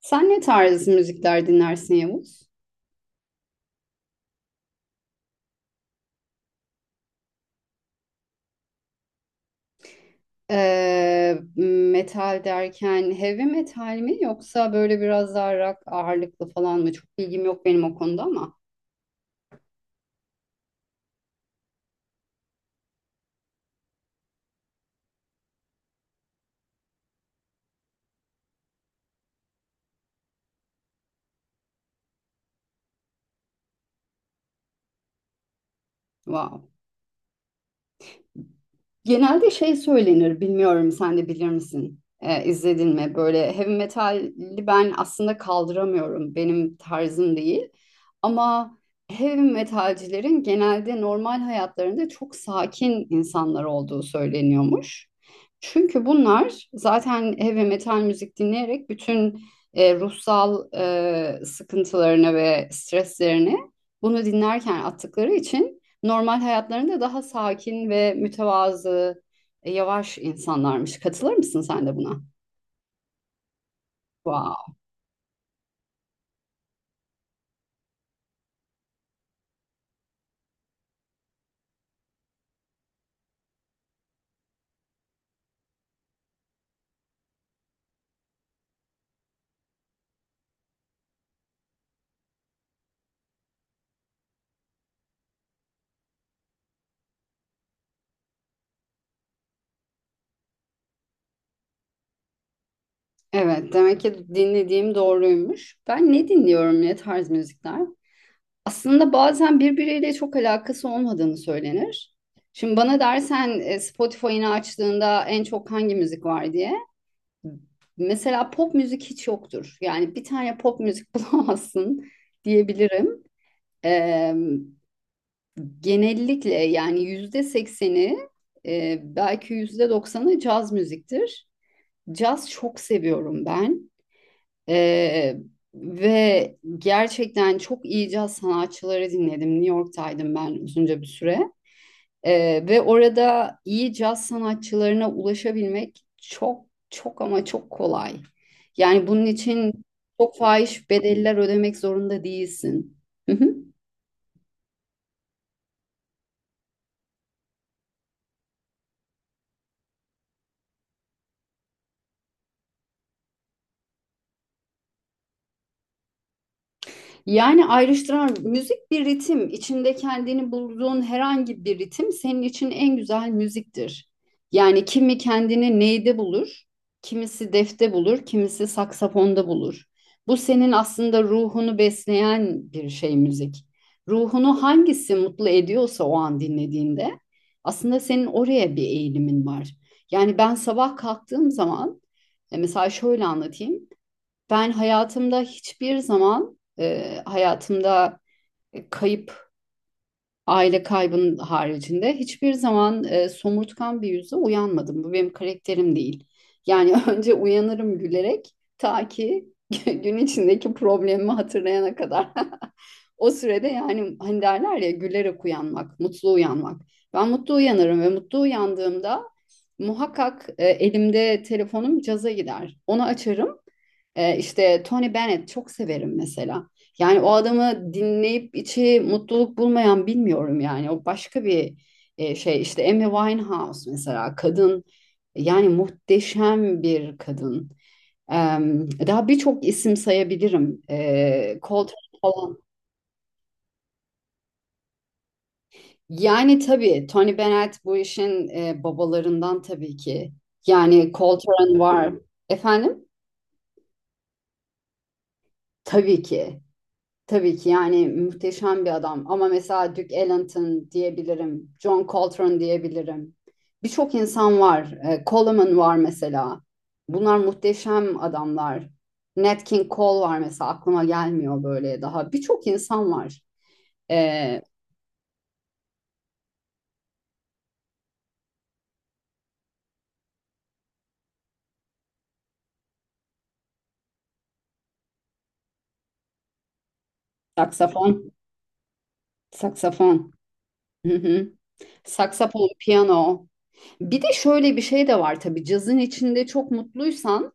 Sen ne tarz müzikler dinlersin, Yavuz? Ee, Metal derken heavy metal mi yoksa böyle biraz daha rock ağırlıklı falan mı? Çok bilgim yok benim o konuda ama. Wow. Genelde şey söylenir, bilmiyorum, sen de bilir misin? İzledin mi? Böyle heavy metali ben aslında kaldıramıyorum. Benim tarzım değil. Ama heavy metalcilerin genelde normal hayatlarında çok sakin insanlar olduğu söyleniyormuş. Çünkü bunlar zaten heavy metal müzik dinleyerek bütün ruhsal sıkıntılarını ve streslerini bunu dinlerken attıkları için normal hayatlarında daha sakin ve mütevazı, yavaş insanlarmış. Katılır mısın sen de buna? Wow. Evet, demek ki dinlediğim doğruymuş. Ben ne dinliyorum, ne tarz müzikler? Aslında bazen birbiriyle çok alakası olmadığını söylenir. Şimdi bana dersen Spotify'ını açtığında en çok hangi müzik var diye. Mesela pop müzik hiç yoktur. Yani bir tane pop müzik bulamazsın diyebilirim. Ee, Genellikle yani %80'i, belki %90'ı caz müziktir. Caz çok seviyorum ben. E, Ve gerçekten çok iyi caz sanatçıları dinledim. New York'taydım ben uzunca bir süre. Ve orada iyi caz sanatçılarına ulaşabilmek çok çok ama çok kolay. Yani bunun için çok fahiş bedeller ödemek zorunda değilsin. Yani ayrıştıran müzik bir ritim. İçinde kendini bulduğun herhangi bir ritim senin için en güzel müziktir. Yani kimi kendini neyde bulur, kimisi defte bulur, kimisi saksafonda bulur. Bu senin aslında ruhunu besleyen bir şey, müzik. Ruhunu hangisi mutlu ediyorsa o an dinlediğinde aslında senin oraya bir eğilimin var. Yani ben sabah kalktığım zaman, mesela şöyle anlatayım. Ben hayatımda hiçbir zaman, hayatımda kayıp, aile kaybının haricinde hiçbir zaman somurtkan bir yüzle uyanmadım. Bu benim karakterim değil. Yani önce uyanırım gülerek ta ki gün içindeki problemimi hatırlayana kadar. O sürede yani hani derler ya, gülerek uyanmak, mutlu uyanmak. Ben mutlu uyanırım ve mutlu uyandığımda muhakkak elimde telefonum caza gider. Onu açarım. İşte Tony Bennett çok severim mesela. Yani o adamı dinleyip içi mutluluk bulmayan bilmiyorum yani. O başka bir şey. İşte Amy Winehouse mesela, kadın yani, muhteşem bir kadın. Ee, Daha birçok isim sayabilirim. Coltrane falan. Yani tabii Tony Bennett bu işin babalarından tabii ki. Yani Coltrane var. Efendim? Tabii ki. Tabii ki yani muhteşem bir adam ama mesela Duke Ellington diyebilirim, John Coltrane diyebilirim. Birçok insan var. Coleman var mesela. Bunlar muhteşem adamlar. Nat King Cole var mesela, aklıma gelmiyor böyle daha. Birçok insan var. E, Saksafon, saksafon. Hı hı. Saksafon, piyano. Bir de şöyle bir şey de var tabii. Cazın içinde çok mutluysan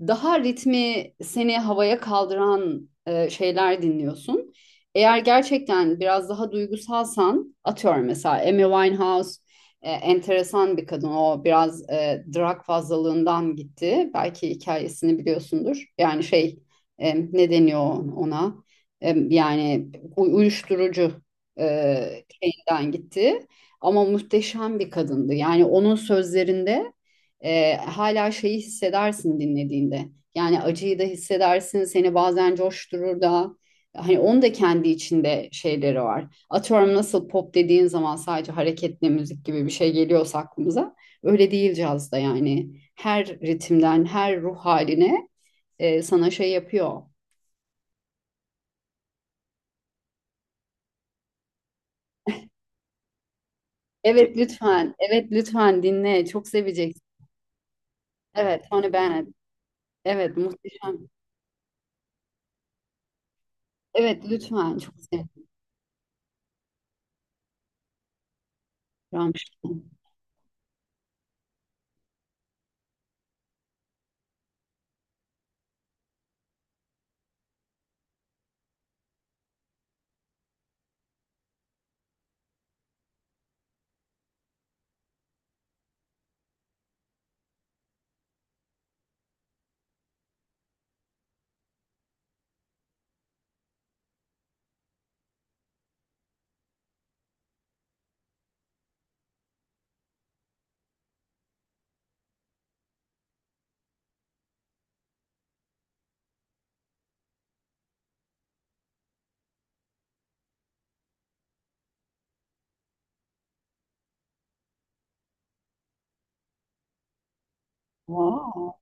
daha ritmi seni havaya kaldıran şeyler dinliyorsun. Eğer gerçekten biraz daha duygusalsan, atıyorum mesela Amy Winehouse, enteresan bir kadın. O biraz drug fazlalığından gitti. Belki hikayesini biliyorsundur. Yani şey, ne deniyor ona? Yani uyuşturucu şeyinden gitti. Ama muhteşem bir kadındı. Yani onun sözlerinde hala şeyi hissedersin dinlediğinde. Yani acıyı da hissedersin, seni bazen coşturur da. Hani onun da kendi içinde şeyleri var. Atıyorum, nasıl pop dediğin zaman sadece hareketli müzik gibi bir şey geliyorsa aklımıza. Öyle değil cazda yani. Her ritimden, her ruh haline sana şey yapıyor. Evet lütfen, evet lütfen dinle. Çok seveceksin. Evet, Tony Bennett. Evet, muhteşem. Evet, lütfen. Çok sevdim. Rammstein. Wow.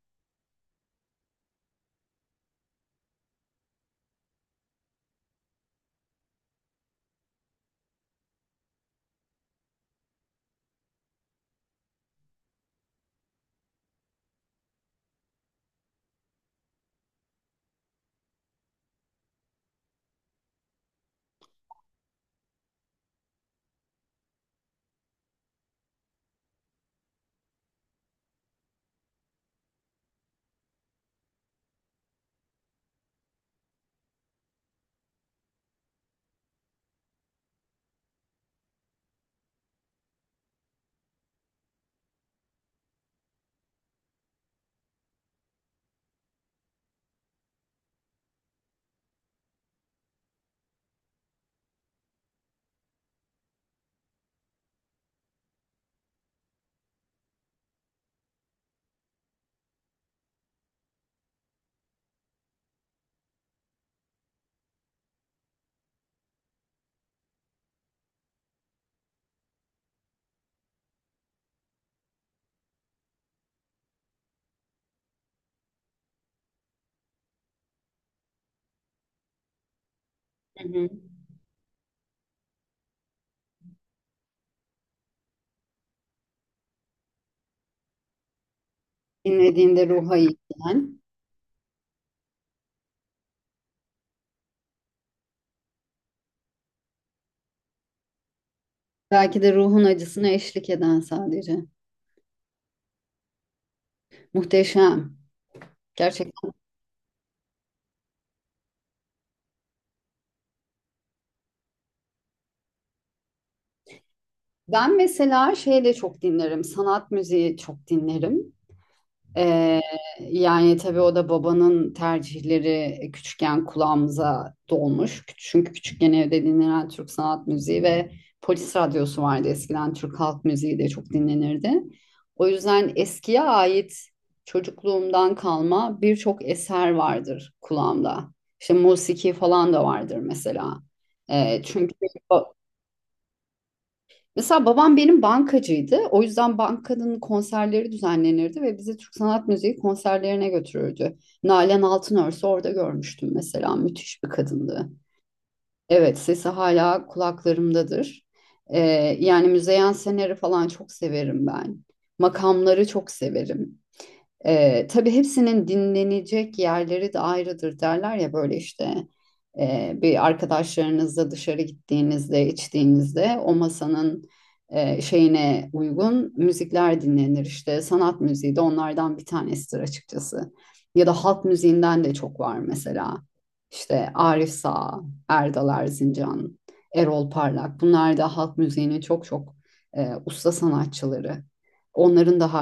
Hı hı. Dinlediğinde ruha iyi gelen, belki de ruhun acısına eşlik eden sadece. Muhteşem. Gerçekten. Ben mesela şey de çok dinlerim. Sanat müziği çok dinlerim. Ee, Yani tabii o da babanın tercihleri, küçükken kulağımıza dolmuş. Çünkü küçükken evde dinlenen Türk sanat müziği ve polis radyosu vardı eskiden, Türk halk müziği de çok dinlenirdi. O yüzden eskiye ait çocukluğumdan kalma birçok eser vardır kulağımda. İşte musiki falan da vardır mesela. Çünkü mesela babam benim bankacıydı. O yüzden bankanın konserleri düzenlenirdi ve bizi Türk Sanat Müziği konserlerine götürürdü. Nalan Altınörs'ü orada görmüştüm mesela. Müthiş bir kadındı. Evet, sesi hala kulaklarımdadır. Ee, Yani Müzeyyen Sener'i falan çok severim ben. Makamları çok severim. Tabii hepsinin dinlenecek yerleri de ayrıdır, derler ya böyle işte, bir arkadaşlarınızla dışarı gittiğinizde, içtiğinizde o masanın şeyine uygun müzikler dinlenir, işte sanat müziği de onlardan bir tanesidir açıkçası. Ya da halk müziğinden de çok var mesela, işte Arif Sağ, Erdal Erzincan, Erol Parlak, bunlar da halk müziğinin çok çok usta sanatçıları. Onların da...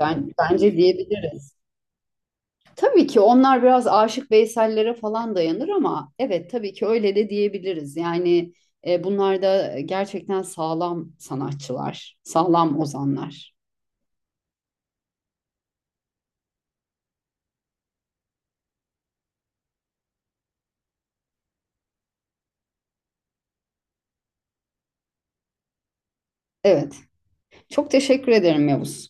Bence diyebiliriz. Tabii ki onlar biraz Aşık Veysel'lere falan dayanır ama evet tabii ki öyle de diyebiliriz. Yani bunlar da gerçekten sağlam sanatçılar, sağlam ozanlar. Evet, çok teşekkür ederim Yavuz.